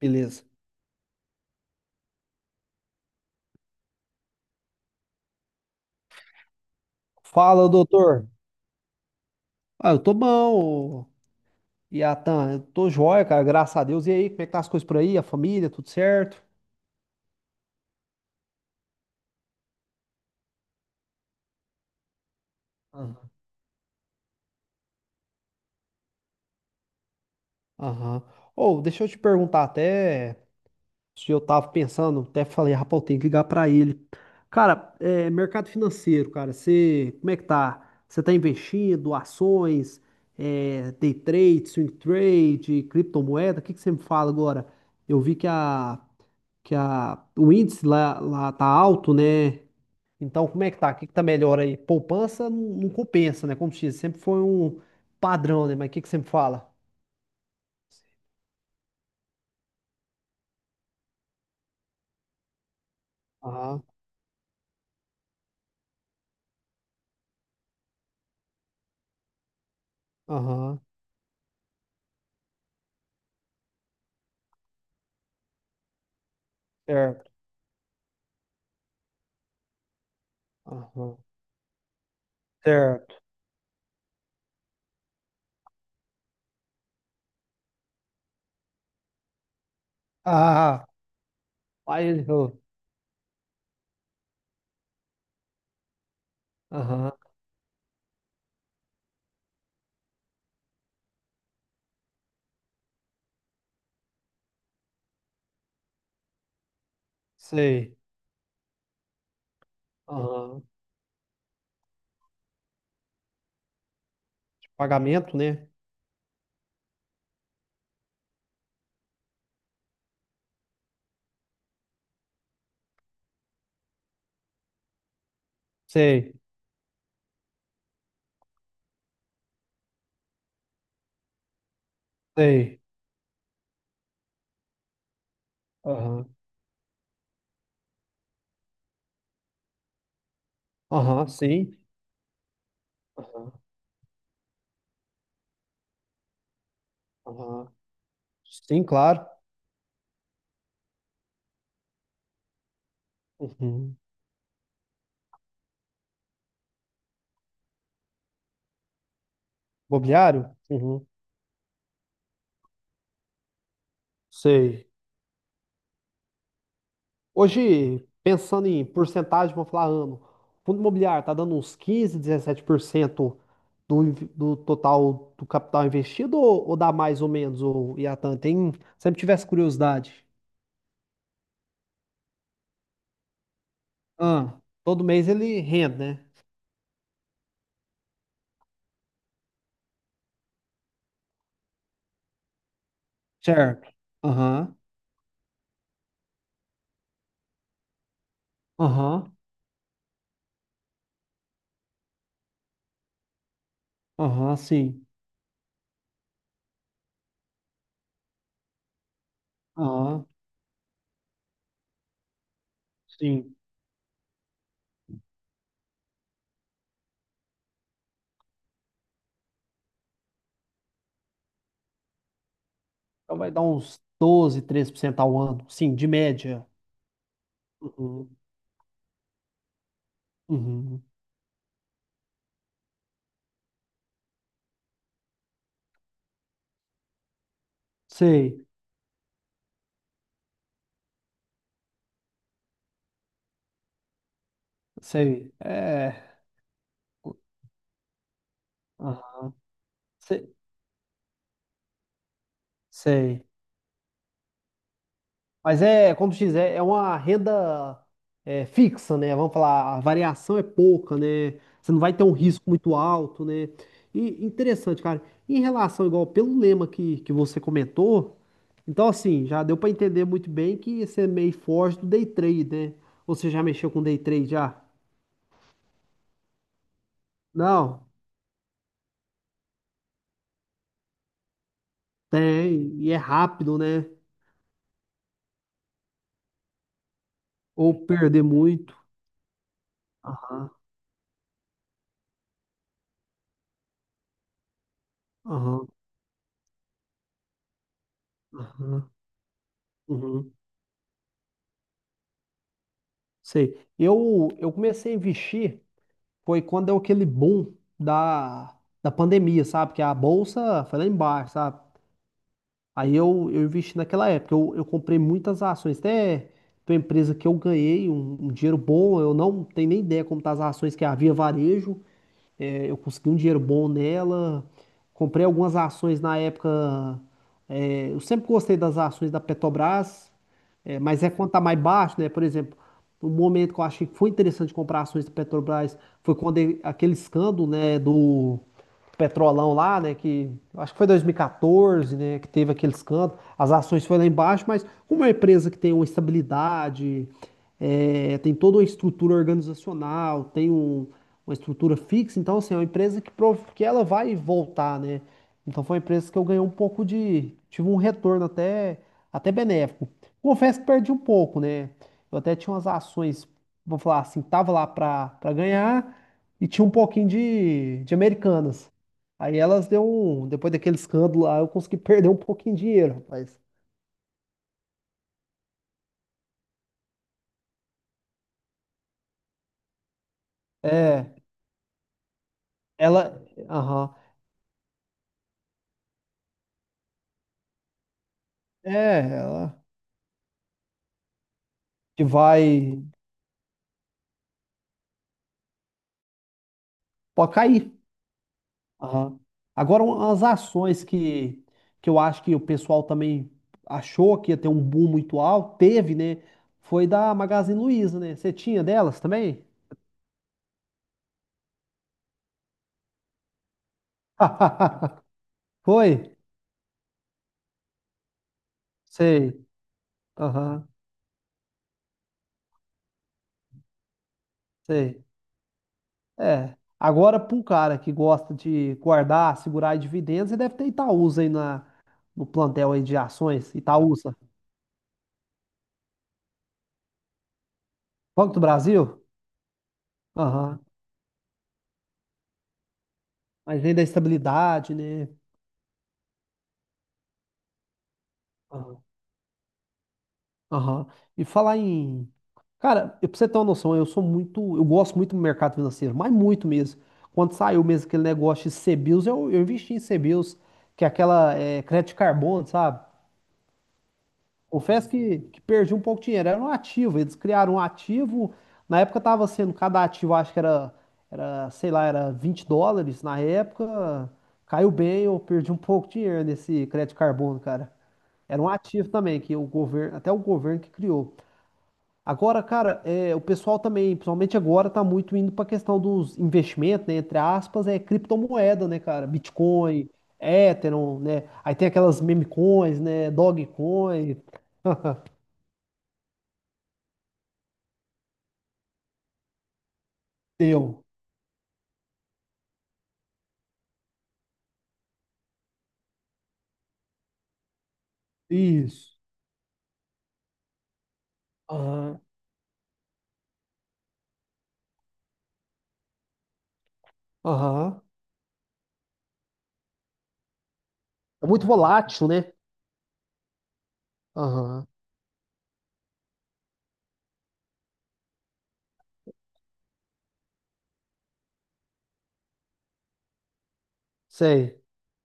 Beleza. Fala, doutor. Ah, eu tô bom, Iatan. Eu tô joia, cara. Graças a Deus. E aí, como é que tá as coisas por aí? A família, tudo certo? Aham. Aham. Ou, deixa eu te perguntar até se eu tava pensando, até falei, rapaz, eu tenho que ligar pra ele. Cara, mercado financeiro, cara, você, como é que tá? Você tá investindo, ações, day trade, swing trade, criptomoeda? O que que você me fala agora? Eu vi o índice lá tá alto, né? Então, como é que tá? O que que tá melhor aí? Poupança não compensa, né? Como se diz, sempre foi um padrão, né? Mas o que que sempre fala? Aham, aham, certo, aham, certo. Ah, aí ele, falou, aham, sei, aham, de pagamento, né? Sei, sei, aham, aham, sim, aham, aham, sim, claro, uhum. Mobiliário? Uhum. Sei, hoje, pensando em porcentagem, vou falar ano. Fundo imobiliário está dando uns 15, 17% do total do capital investido ou dá mais ou menos, o Iatan? Tem, sempre tivesse curiosidade. Ah, todo mês ele rende, né? Certo. Aham, aham, aham, sim. Aham, sim. Então vai dar uns 12, 13% ao ano, sim, de média. Uhum, uhum. Sei, sei. É. Aham. Sei, sei. Mas é, como se diz, é uma renda fixa, né? Vamos falar, a variação é pouca, né? Você não vai ter um risco muito alto, né? E interessante, cara. Em relação, igual, pelo lema que você comentou, então assim, já deu para entender muito bem que você é meio forte do day trade, né? Ou, você já mexeu com day trade já? Não, tem, e é rápido, né? Ou perder muito. Aham, aham, aham, uhum, sei. Eu comecei a investir. Foi quando deu aquele boom da, da pandemia, sabe? Que a bolsa foi lá embaixo, sabe? Aí eu investi naquela época, eu comprei muitas ações, até tem uma empresa que eu ganhei um dinheiro bom, eu não tenho nem ideia como tá as ações, que é a Via Varejo, eu consegui um dinheiro bom nela. Comprei algumas ações na época. Eu sempre gostei das ações da Petrobras, é, mas é quando tá mais baixo, né? Por exemplo, o momento que eu achei que foi interessante comprar ações da Petrobras foi quando aquele escândalo, né, do Petrolão lá, né? Que eu acho que foi 2014, né? Que teve aquele escândalo. As ações foram lá embaixo, mas como é uma empresa que tem uma estabilidade, tem toda uma estrutura organizacional, tem uma estrutura fixa, então assim, é uma empresa que ela vai voltar, né? Então foi uma empresa que eu ganhei um pouco tive um retorno até benéfico. Confesso que perdi um pouco, né? Eu até tinha umas ações, vamos falar assim, tava lá para ganhar e tinha um pouquinho de Americanas. Aí elas deu um, depois daquele escândalo lá, eu consegui perder um pouquinho de dinheiro, rapaz. É, ela, aham, é, ela que vai, pode cair. Aham. Agora, umas ações que eu acho que o pessoal também achou que ia ter um boom muito alto, teve, né? Foi da Magazine Luiza, né? Você tinha delas também? Foi? Sei. Aham, sei. É. Agora, para um cara que gosta de guardar, segurar dividendos, ele deve ter Itaúsa aí no plantel aí de ações. Itaúsa. Banco do Brasil? Aham. Mas vem da estabilidade, né? Aham. E falar em. Cara, pra você ter uma noção, eu sou muito. Eu gosto muito do mercado financeiro, mas muito mesmo. Quando saiu mesmo aquele negócio de CBIOS, eu investi em CBIOS, que é aquela crédito de carbono, sabe? Confesso que perdi um pouco de dinheiro. Era um ativo, eles criaram um ativo. Na época tava sendo, cada ativo acho que era, sei lá, era US$ 20. Na época caiu bem, eu perdi um pouco de dinheiro nesse crédito de carbono, cara. Era um ativo também, que o governo, até o governo que criou. Agora, cara, o pessoal também, principalmente agora, tá muito indo para a questão dos investimentos, né? Entre aspas, é criptomoeda, né, cara? Bitcoin, Ethereum, né? Aí tem aquelas memecoins, né? Dogecoin. eu Isso. Aham. Aham. É muito volátil, né? Aham. Sei.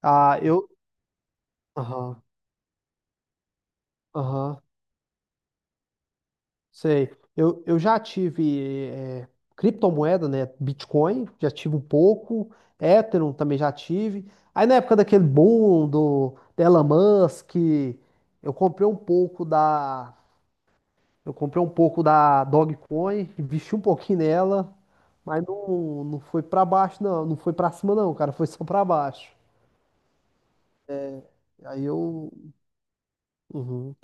Ah, eu. Aham. Aham. Sei. Eu já tive criptomoeda, né? Bitcoin, já tive um pouco. Ethereum também já tive. Aí na época daquele boom do Elon Musk, eu comprei um pouco da. Eu comprei um pouco da Dogecoin, investi um pouquinho nela, mas não, não foi pra baixo, não. Não foi pra cima, não, cara. Foi só pra baixo. Aí eu. Uhum.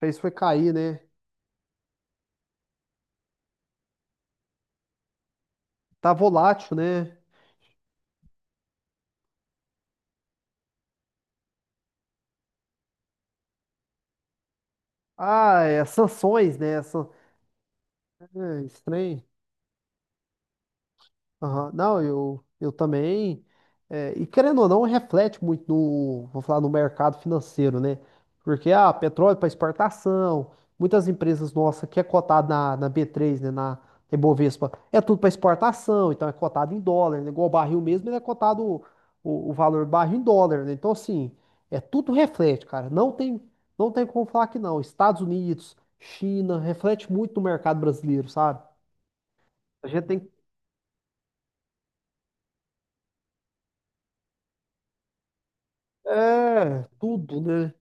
Fez foi cair, né? Tá volátil, né? Ah, é sanções, né? É, estranho. Aham. Não, eu também. E querendo ou não, reflete muito no, vou falar, no mercado financeiro, né? Porque petróleo para exportação, muitas empresas nossas que é cotado na B3, né, na Ibovespa, é tudo para exportação, então é cotado em dólar, né? Igual o barril mesmo, ele é cotado o valor do barril em dólar, né? Então, assim, é tudo reflete, cara. Não tem como falar que não. Estados Unidos, China, reflete muito no mercado brasileiro, sabe? A gente tem. É, tudo, né?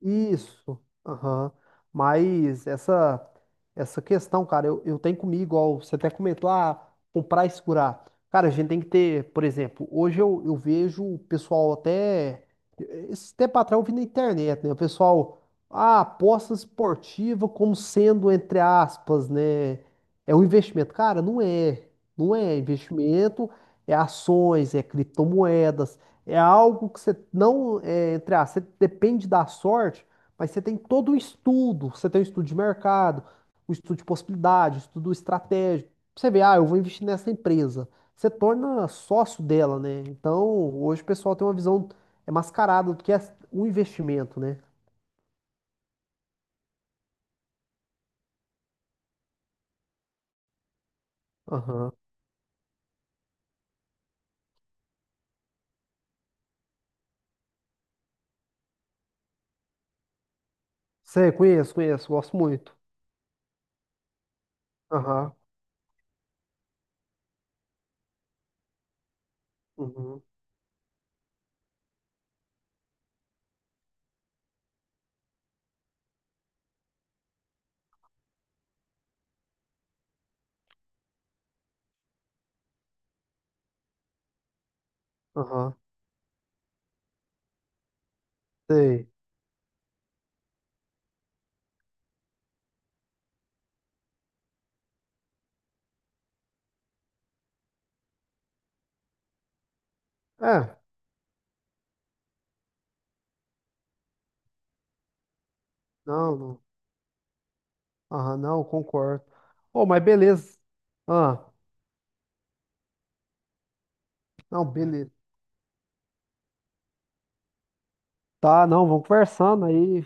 Isso, aham. Mas essa questão, cara, eu tenho comigo, igual você até comentou, ah, comprar e segurar. Cara, a gente tem que ter, por exemplo, hoje eu vejo o pessoal até, esse tempo atrás eu vi na internet, né? O pessoal, ah, aposta esportiva como sendo, entre aspas, né? É um investimento. Cara, não é. Não é investimento, é ações, é criptomoedas. É algo que você não, é, entre aspas, você depende da sorte, mas você tem todo o estudo. Você tem o estudo de mercado, o estudo de possibilidade, o estudo estratégico. Você vê, ah, eu vou investir nessa empresa. Você torna sócio dela, né? Então, hoje o pessoal tem uma visão mascarada do que é o investimento, né? Aham. Sei, conheço, conheço, gosto muito. Aham, uhum, aham, sei. É, não, não, aham, não, concordo. Oh, mas beleza. Ah, não, beleza. Tá, não, vamos conversando aí.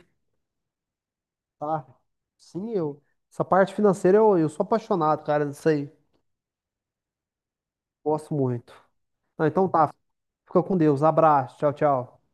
Tá. Sim, eu. Essa parte financeira eu sou apaixonado, cara, disso aí. Gosto muito. Não, então tá. Fica com Deus. Abraço. Tchau, tchau.